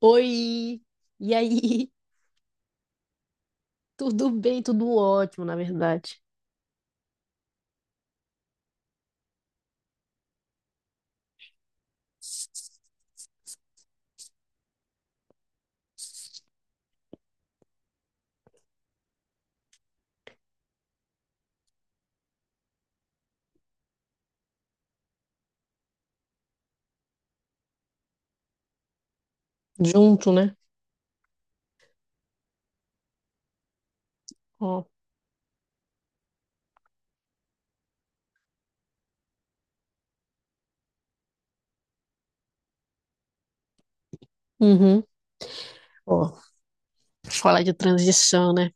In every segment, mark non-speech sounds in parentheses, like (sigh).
Oi! E aí? (laughs) Tudo bem, tudo ótimo, na verdade. Junto, né? Ó. Uhum. Ó, falar de transição, né?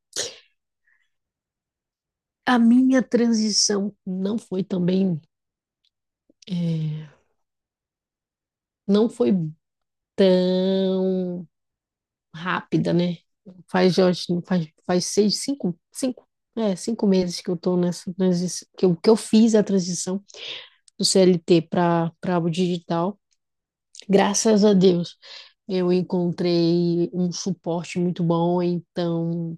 A minha transição não foi também, é, não foi tão rápida, né? Faz, eu acho, faz seis, cinco, cinco meses que eu tô nessa transição, que eu fiz a transição do CLT para o digital. Graças a Deus, eu encontrei um suporte muito bom, então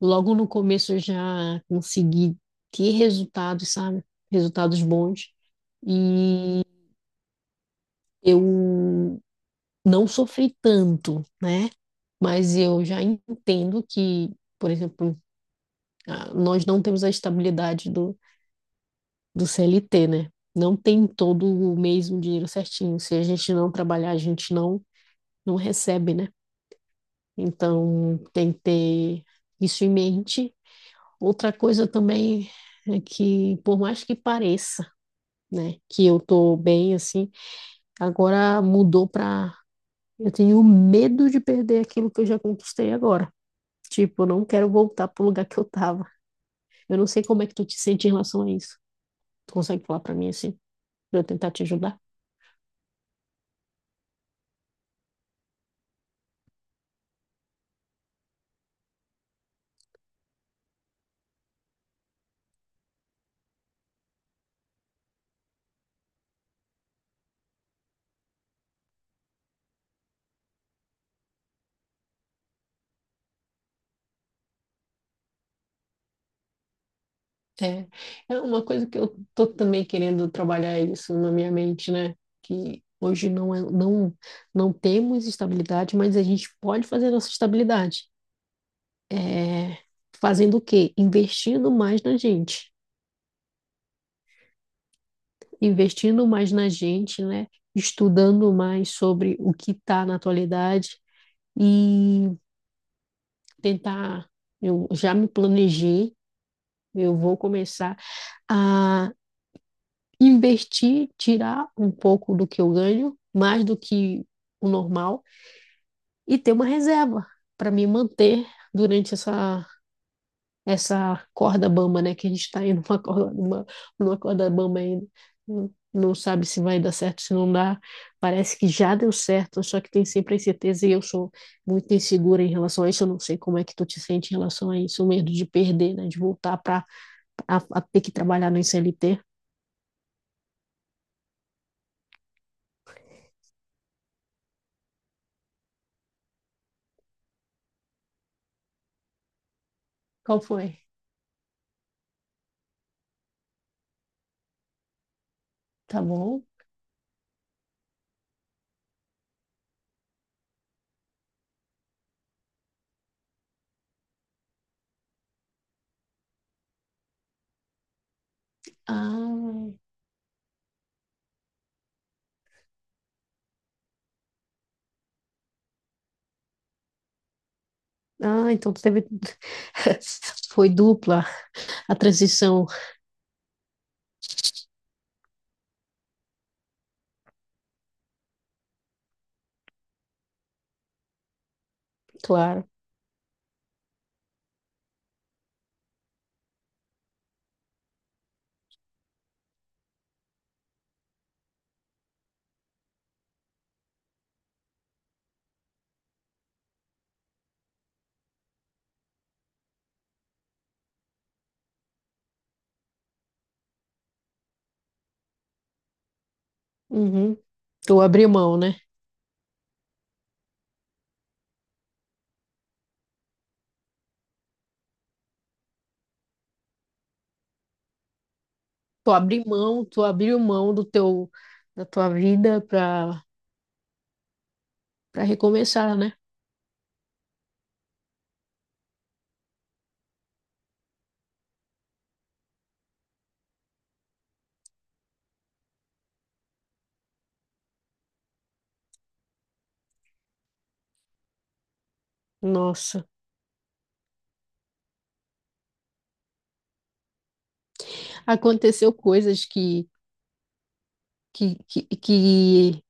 logo no começo eu já consegui ter resultados, sabe? Resultados bons. E eu não sofri tanto, né? Mas eu já entendo que, por exemplo, ah, nós não temos a estabilidade do CLT, né? Não tem todo o mesmo dinheiro certinho. Se a gente não trabalhar, a gente não, não recebe, né? Então, tem que ter isso em mente. Outra coisa também é que, por mais que pareça, né, que eu tô bem assim, agora mudou para eu tenho medo de perder aquilo que eu já conquistei agora. Tipo, eu não quero voltar pro lugar que eu tava. Eu não sei como é que tu te sente em relação a isso. Tu consegue falar para mim assim, para eu tentar te ajudar? É, é uma coisa que eu tô também querendo trabalhar isso na minha mente, né? Que hoje não, não temos estabilidade, mas a gente pode fazer nossa estabilidade. É, fazendo o quê? Investindo mais na gente. Investindo mais na gente, né? Estudando mais sobre o que está na atualidade e tentar. Eu já me planejei, eu vou começar a investir, tirar um pouco do que eu ganho, mais do que o normal, e ter uma reserva para me manter durante essa corda bamba, né? Que a gente está indo numa (laughs) numa corda bamba ainda. Não sabe se vai dar certo, se não dá. Parece que já deu certo, só que tem sempre a incerteza e eu sou muito insegura em relação a isso. Eu não sei como é que tu te sente em relação a isso, o medo de perder, né? De voltar para ter que trabalhar no CLT. Qual foi? Tá bom? Ah, Ah, então teve. (laughs) Foi dupla a transição, claro. Uhum. Tu abriu mão, né? Tu abriu mão, da tua vida para recomeçar, né? Nossa, aconteceu coisas que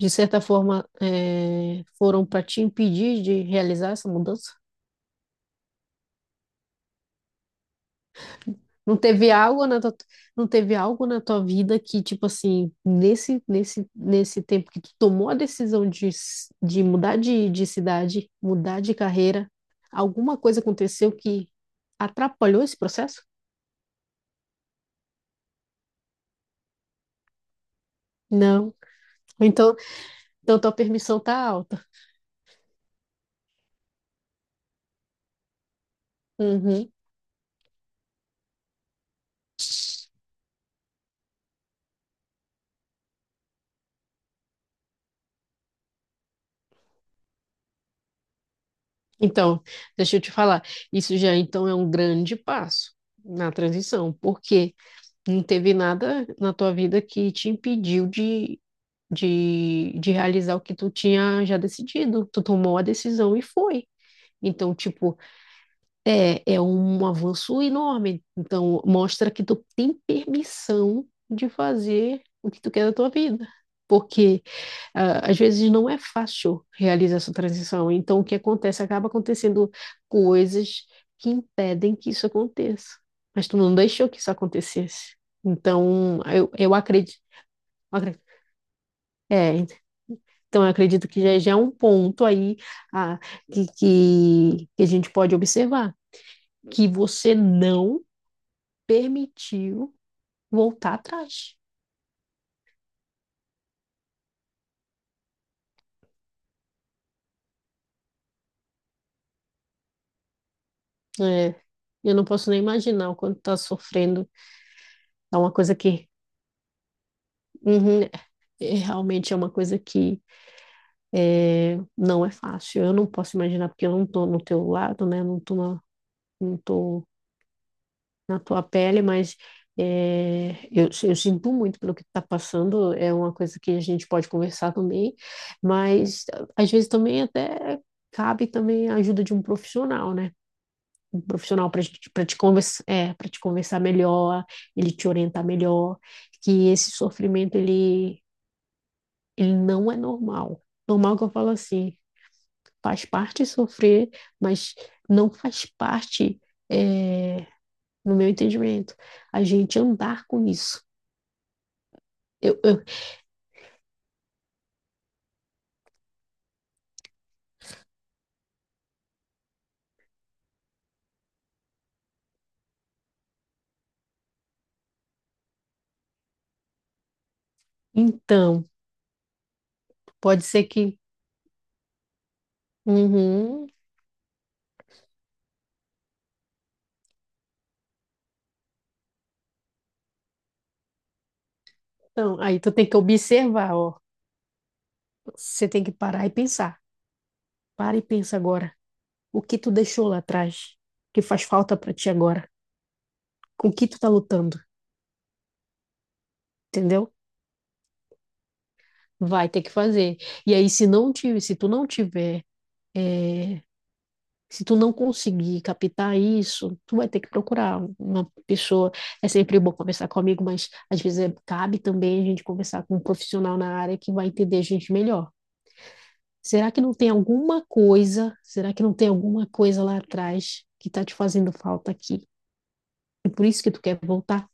de certa forma foram para te impedir de realizar essa mudança? Não teve algo na tua, não teve algo na tua vida que, tipo assim, nesse tempo que tu tomou a decisão de, de mudar de cidade, mudar de carreira, alguma coisa aconteceu que atrapalhou esse processo? Não. Então, então tua permissão tá alta. Uhum. Então, deixa eu te falar, isso já então é um grande passo na transição, porque não teve nada na tua vida que te impediu de realizar o que tu tinha já decidido. Tu tomou a decisão e foi. Então, tipo, é um avanço enorme. Então, mostra que tu tem permissão de fazer o que tu quer da tua vida. Porque ah, às vezes não é fácil realizar essa transição. Então, o que acontece? Acaba acontecendo coisas que impedem que isso aconteça. Mas tu não deixou que isso acontecesse. Então, eu acredito. Acredito. É, então, eu acredito que já é um ponto aí ah, que a gente pode observar, que você não permitiu voltar atrás. É, eu não posso nem imaginar o quanto está sofrendo. É uma coisa que uhum, é, realmente é uma coisa que é, não é fácil. Eu não posso imaginar, porque eu não estou no teu lado, né? Não tô na tua pele, mas eu sinto muito pelo que está passando, é uma coisa que a gente pode conversar também, mas às vezes também até cabe também a ajuda de um profissional, né? Um profissional para te conversar, é, para te conversar melhor, ele te orientar melhor, que esse sofrimento ele não é normal. Normal que eu falo assim, faz parte sofrer, mas não faz parte é, no meu entendimento, a gente andar com isso. Eu, eu- então, pode ser que. Uhum, então, aí tu tem que observar, ó. Você tem que parar e pensar. Para e pensa agora. O que tu deixou lá atrás? O que faz falta para ti agora? Com o que tu tá lutando? Entendeu? Vai ter que fazer. E aí, se tu não tiver, eh, se tu não conseguir captar isso, tu vai ter que procurar uma pessoa. É sempre bom conversar comigo, mas às vezes cabe também a gente conversar com um profissional na área que vai entender a gente melhor. Será que não tem alguma coisa? Será que não tem alguma coisa lá atrás que está te fazendo falta aqui? E por isso que tu quer voltar?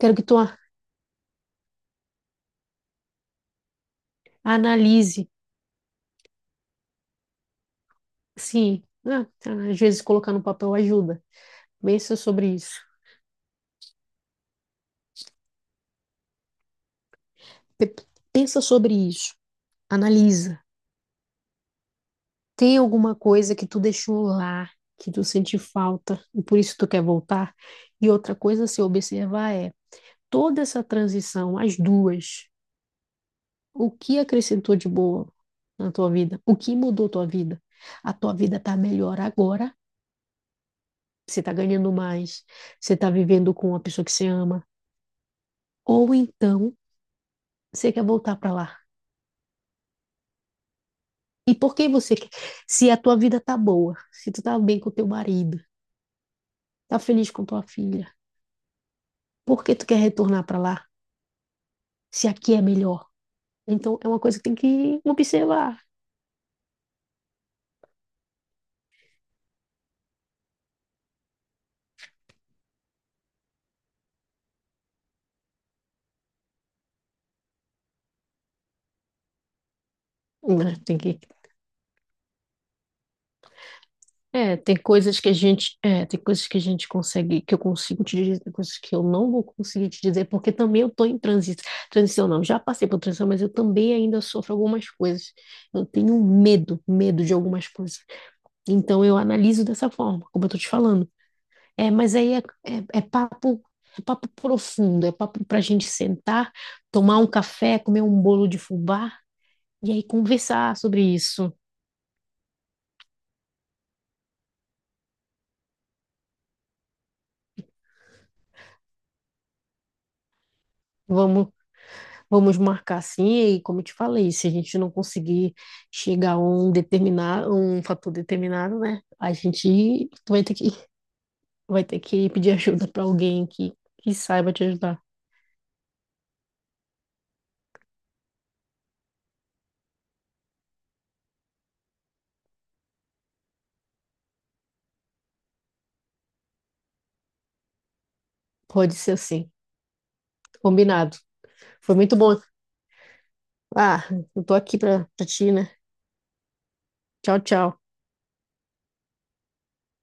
Quero que tu analise. Sim, ah, às vezes colocar no papel ajuda. Pensa sobre isso. Pensa sobre isso. Analisa. Tem alguma coisa que tu deixou lá, que tu sente falta e por isso tu quer voltar? E outra coisa a se observar é toda essa transição, as duas, o que acrescentou de boa na tua vida? O que mudou tua vida? A tua vida tá melhor agora? Você tá ganhando mais? Você tá vivendo com uma pessoa que você ama? Ou então você quer voltar para lá? E por que você quer? Se a tua vida tá boa, se tu tá bem com teu marido, tá feliz com tua filha, por que tu quer retornar para lá? Se aqui é melhor. Então, é uma coisa que tem que observar. Né? É, tem coisas que a gente, é, tem coisas que a gente consegue, que eu consigo te dizer, tem coisas que eu não vou conseguir te dizer, porque também eu tô em transição, transição não, já passei por transição, mas eu também ainda sofro algumas coisas. Eu tenho medo, medo de algumas coisas. Então eu analiso dessa forma, como eu tô te falando. É, mas aí é, é papo, é papo profundo, é papo para a gente sentar, tomar um café, comer um bolo de fubá. E aí conversar sobre isso. Vamos, vamos marcar assim, e aí, como eu te falei, se a gente não conseguir chegar a um determinado, um fator determinado, né? A gente vai ter que pedir ajuda para alguém que saiba te ajudar. Pode ser assim. Combinado. Foi muito bom. Ah, eu tô aqui para ti, né? Tchau, tchau.